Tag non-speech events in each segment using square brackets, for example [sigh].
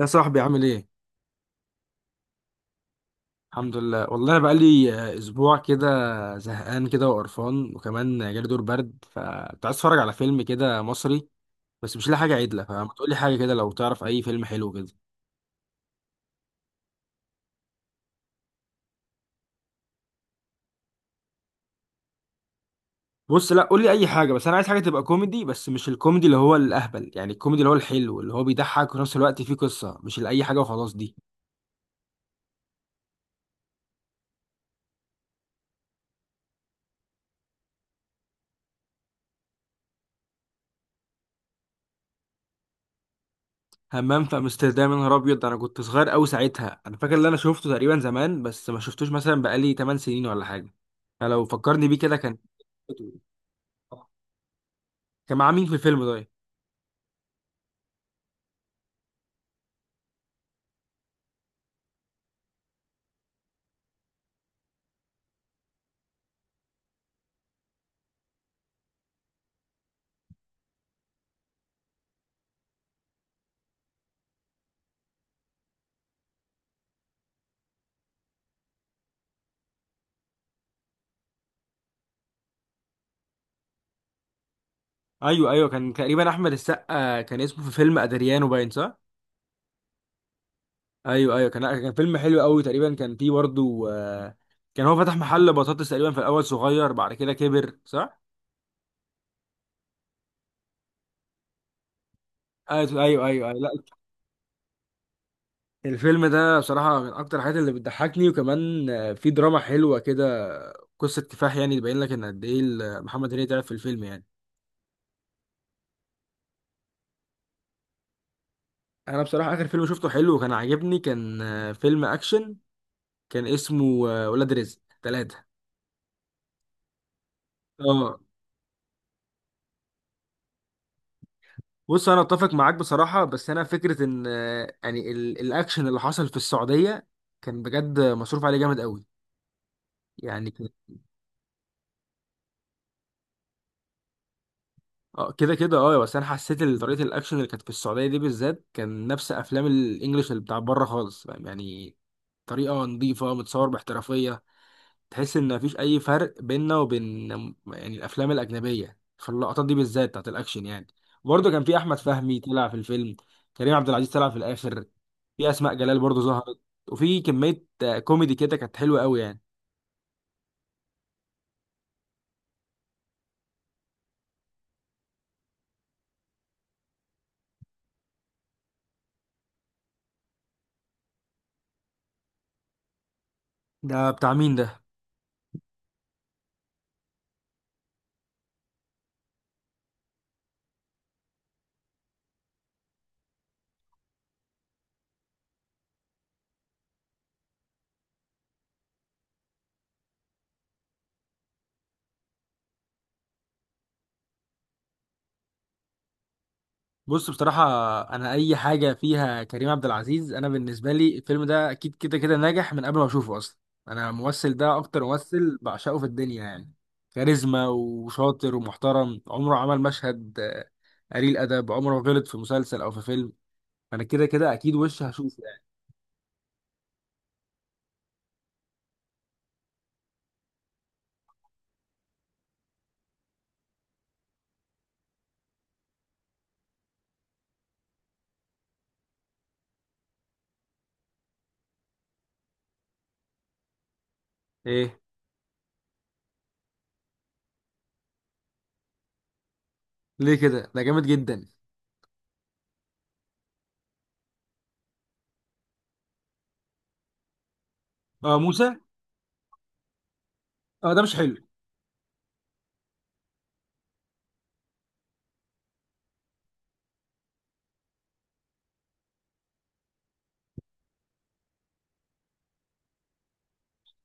يا صاحبي، عامل ايه؟ الحمد لله، والله انا بقالي اسبوع كده. زهقان كده وقرفان، وكمان جالي دور برد، فكنت عايز اتفرج على فيلم كده مصري بس مش لاقي حاجه عدله. فما تقول لي حاجه كده لو تعرف اي فيلم حلو كده. بص، لا قول لي اي حاجه، بس انا عايز حاجه تبقى كوميدي، بس مش الكوميدي اللي هو الاهبل، يعني الكوميدي اللي هو الحلو اللي هو بيضحك وفي نفس الوقت فيه قصه، مش لاي حاجه وخلاص دي. همام في امستردام؟ يا نهار ابيض، انا كنت صغير قوي ساعتها، انا فاكر ان انا شفته تقريبا زمان، بس ما شفتوش مثلا بقالي 8 سنين ولا حاجه. انا لو فكرني بيه كده كان [laughs] كان معاه مين في الفيلم ده؟ ايوه، ايوه، كان تقريبا احمد السقا، كان اسمه في فيلم ادريانو، باين صح. ايوه، ايوه، كان فيلم حلو قوي، تقريبا كان فيه برضه كان هو فتح محل بطاطس تقريبا في الاول صغير، بعد كده كبر، صح. ايوه، ايوه، ايوه، أيوة. لا. الفيلم ده بصراحة من أكتر الحاجات اللي بتضحكني، وكمان في دراما حلوة كده، قصة كفاح، يعني تبين لك إن قد إيه محمد هنيدي تعب في الفيلم يعني. أنا بصراحة آخر فيلم شفته حلو وكان عاجبني كان فيلم أكشن. كان اسمه ولاد رزق 3. اه. بص، أنا أتفق معاك بصراحة، بس أنا فكرة إن يعني الأكشن اللي حصل في السعودية كان بجد مصروف عليه جامد قوي يعني. اه كده كده اه، بس انا حسيت ان طريقه الاكشن اللي كانت في السعوديه دي بالذات كان نفس افلام الانجليش اللي بتاع بره خالص، فاهم يعني. طريقه نظيفه، متصور باحترافيه. تحس ان مفيش اي فرق بيننا وبين، يعني الافلام الاجنبيه في اللقطات دي بالذات بتاعت الاكشن يعني. برضه كان في احمد فهمي طلع في الفيلم. كريم عبد العزيز طلع في الاخر. في اسماء جلال برضه ظهرت. وفي كميه كوميدي كده كانت حلوه قوي يعني. ده بتاع مين ده؟ بص، بصراحة أنا أي حاجة فيها كريم عبد العزيز، أنا بالنسبة لي الفيلم ده أكيد كده كده ناجح من قبل ما أشوفه أصلا. أنا الممثل ده أكتر ممثل بعشقه في الدنيا يعني. كاريزما وشاطر ومحترم، عمره عمل مشهد قليل أدب، عمره ما غلط في مسلسل أو في فيلم. أنا كده كده أكيد وش هشوفه يعني. إيه؟ ليه كده؟ ده جامد جدا. أه موسى. أه ده مش حلو.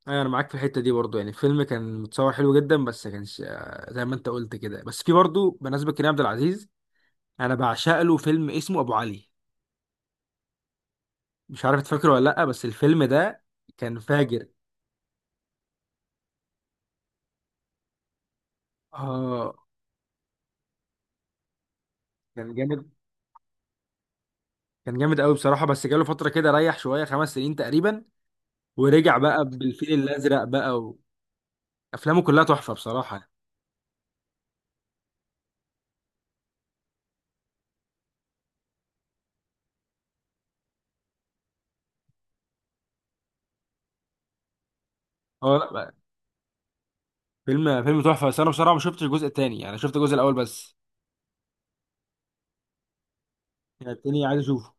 أيوة، أنا معاك في الحتة دي برضو، يعني الفيلم كان متصور حلو جدا بس كانش زي ما أنت قلت كده، بس في برضو بمناسبة كريم عبد العزيز، انا بعشق له فيلم اسمه ابو علي. مش عارف تفكره ولا لا، بس الفيلم ده كان فاجر. اه كان جامد، كان جامد قوي بصراحه، بس جاله فتره كده، ريح شويه 5 سنين تقريبا، ورجع بقى بالفيل الازرق بقى. وافلامه كلها تحفه بصراحه. اه، لا بقى، فيلم تحفه، بس انا بصراحه ما شفتش الجزء الثاني، يعني شفت الجزء الاول بس. يعني التاني عايز اشوفه.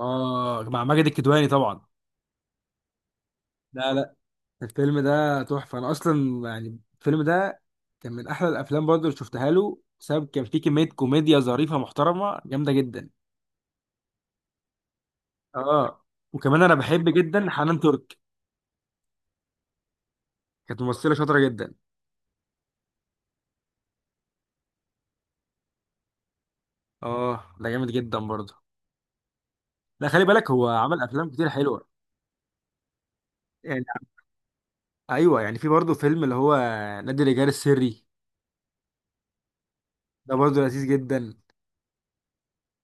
اه، مع ماجد الكدواني طبعا. لا، لا. الفيلم ده تحفة، أنا أصلا يعني الفيلم ده كان من أحلى الأفلام برضه اللي شفتها له، بسبب كان فيه كمية كوميديا ظريفة محترمة جامدة جدا. آه. وكمان أنا بحب جدا حنان ترك. كانت ممثلة شاطرة جدا. آه ده جامد جدا برضه. لا، خلي بالك هو عمل أفلام كتير حلوة يعني. أيوه، يعني في برضه فيلم اللي هو نادي الرجال السري. ده برضه لذيذ جدا.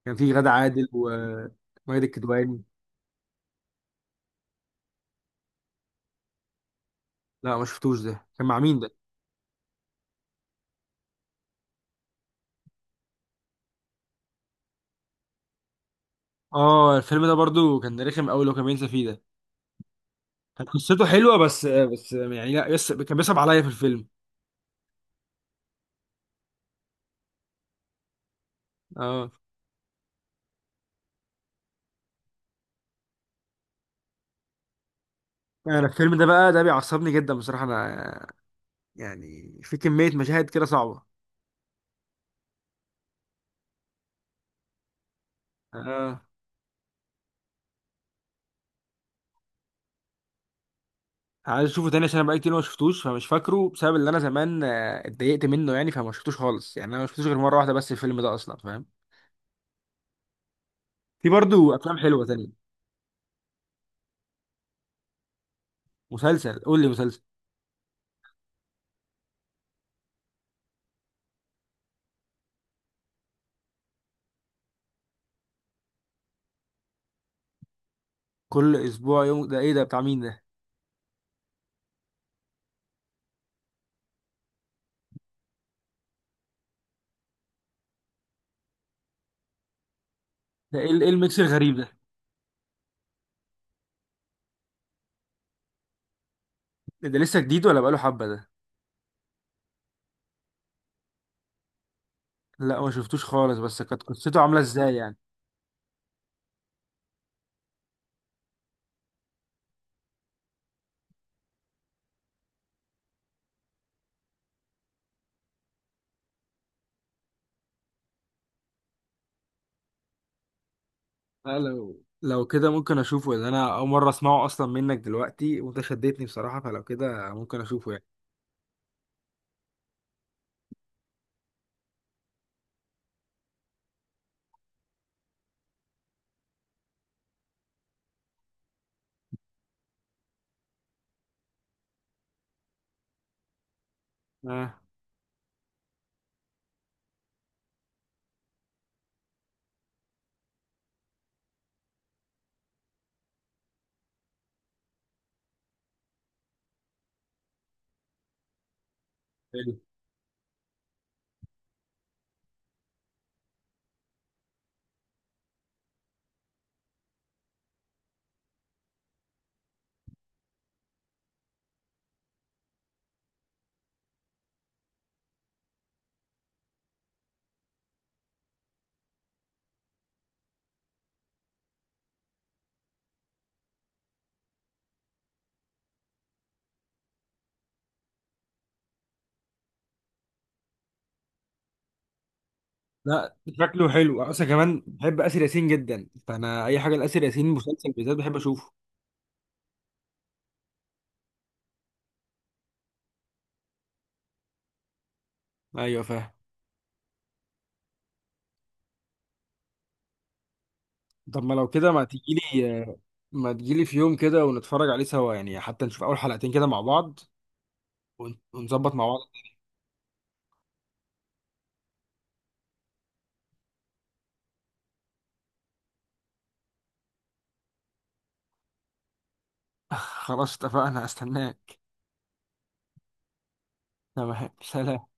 كان فيه غادة عادل وماجد الكدواني. لا، ما شفتوش، ده كان مع مين ده؟ آه الفيلم ده برضه كان رخم أوي لو كان بينسى فيه ده. كانت قصته حلوه، بس بس يعني لا كان بيصعب عليا في الفيلم. اه. انا الفيلم ده بقى، ده بيعصبني جدا بصراحه انا، يعني في كميه مشاهد كده صعبه. اه، عايز اشوفه تاني، عشان انا بقالي كتير ما شفتوش، فمش فاكره بسبب اللي انا زمان اتضايقت منه يعني، فما شفتوش خالص، يعني انا ما شفتوش غير مره واحده بس الفيلم ده اصلا، فاهم. في برضو افلام حلوه تانية. مسلسل، قول لي مسلسل. كل اسبوع يوم ده ايه ده، بتاع مين ده؟ ده ايه ايه الميكس الغريب ده؟ ده لسه جديد ولا بقاله حبه ده؟ لا، ما شفتوش خالص، بس كانت قصته عامله ازاي يعني؟ لا، لو كده ممكن اشوفه، لان انا اول مره اسمعه اصلا منك دلوقتي، وانت شدتني بصراحه، فلو كده ممكن اشوفه يعني. اه. حلو. لا شكله حلو اصلا، كمان بحب اسر ياسين جدا، فانا اي حاجه لاسر ياسين مسلسل بالذات بحب اشوفه. ايوه فاهم. طب ما لو كده ما تجيلي في يوم كده ونتفرج عليه سوا يعني، حتى نشوف اول حلقتين كده مع بعض، ونظبط مع بعض. [laughs] خلاص اتفقنا، استناك. تمام، سلام.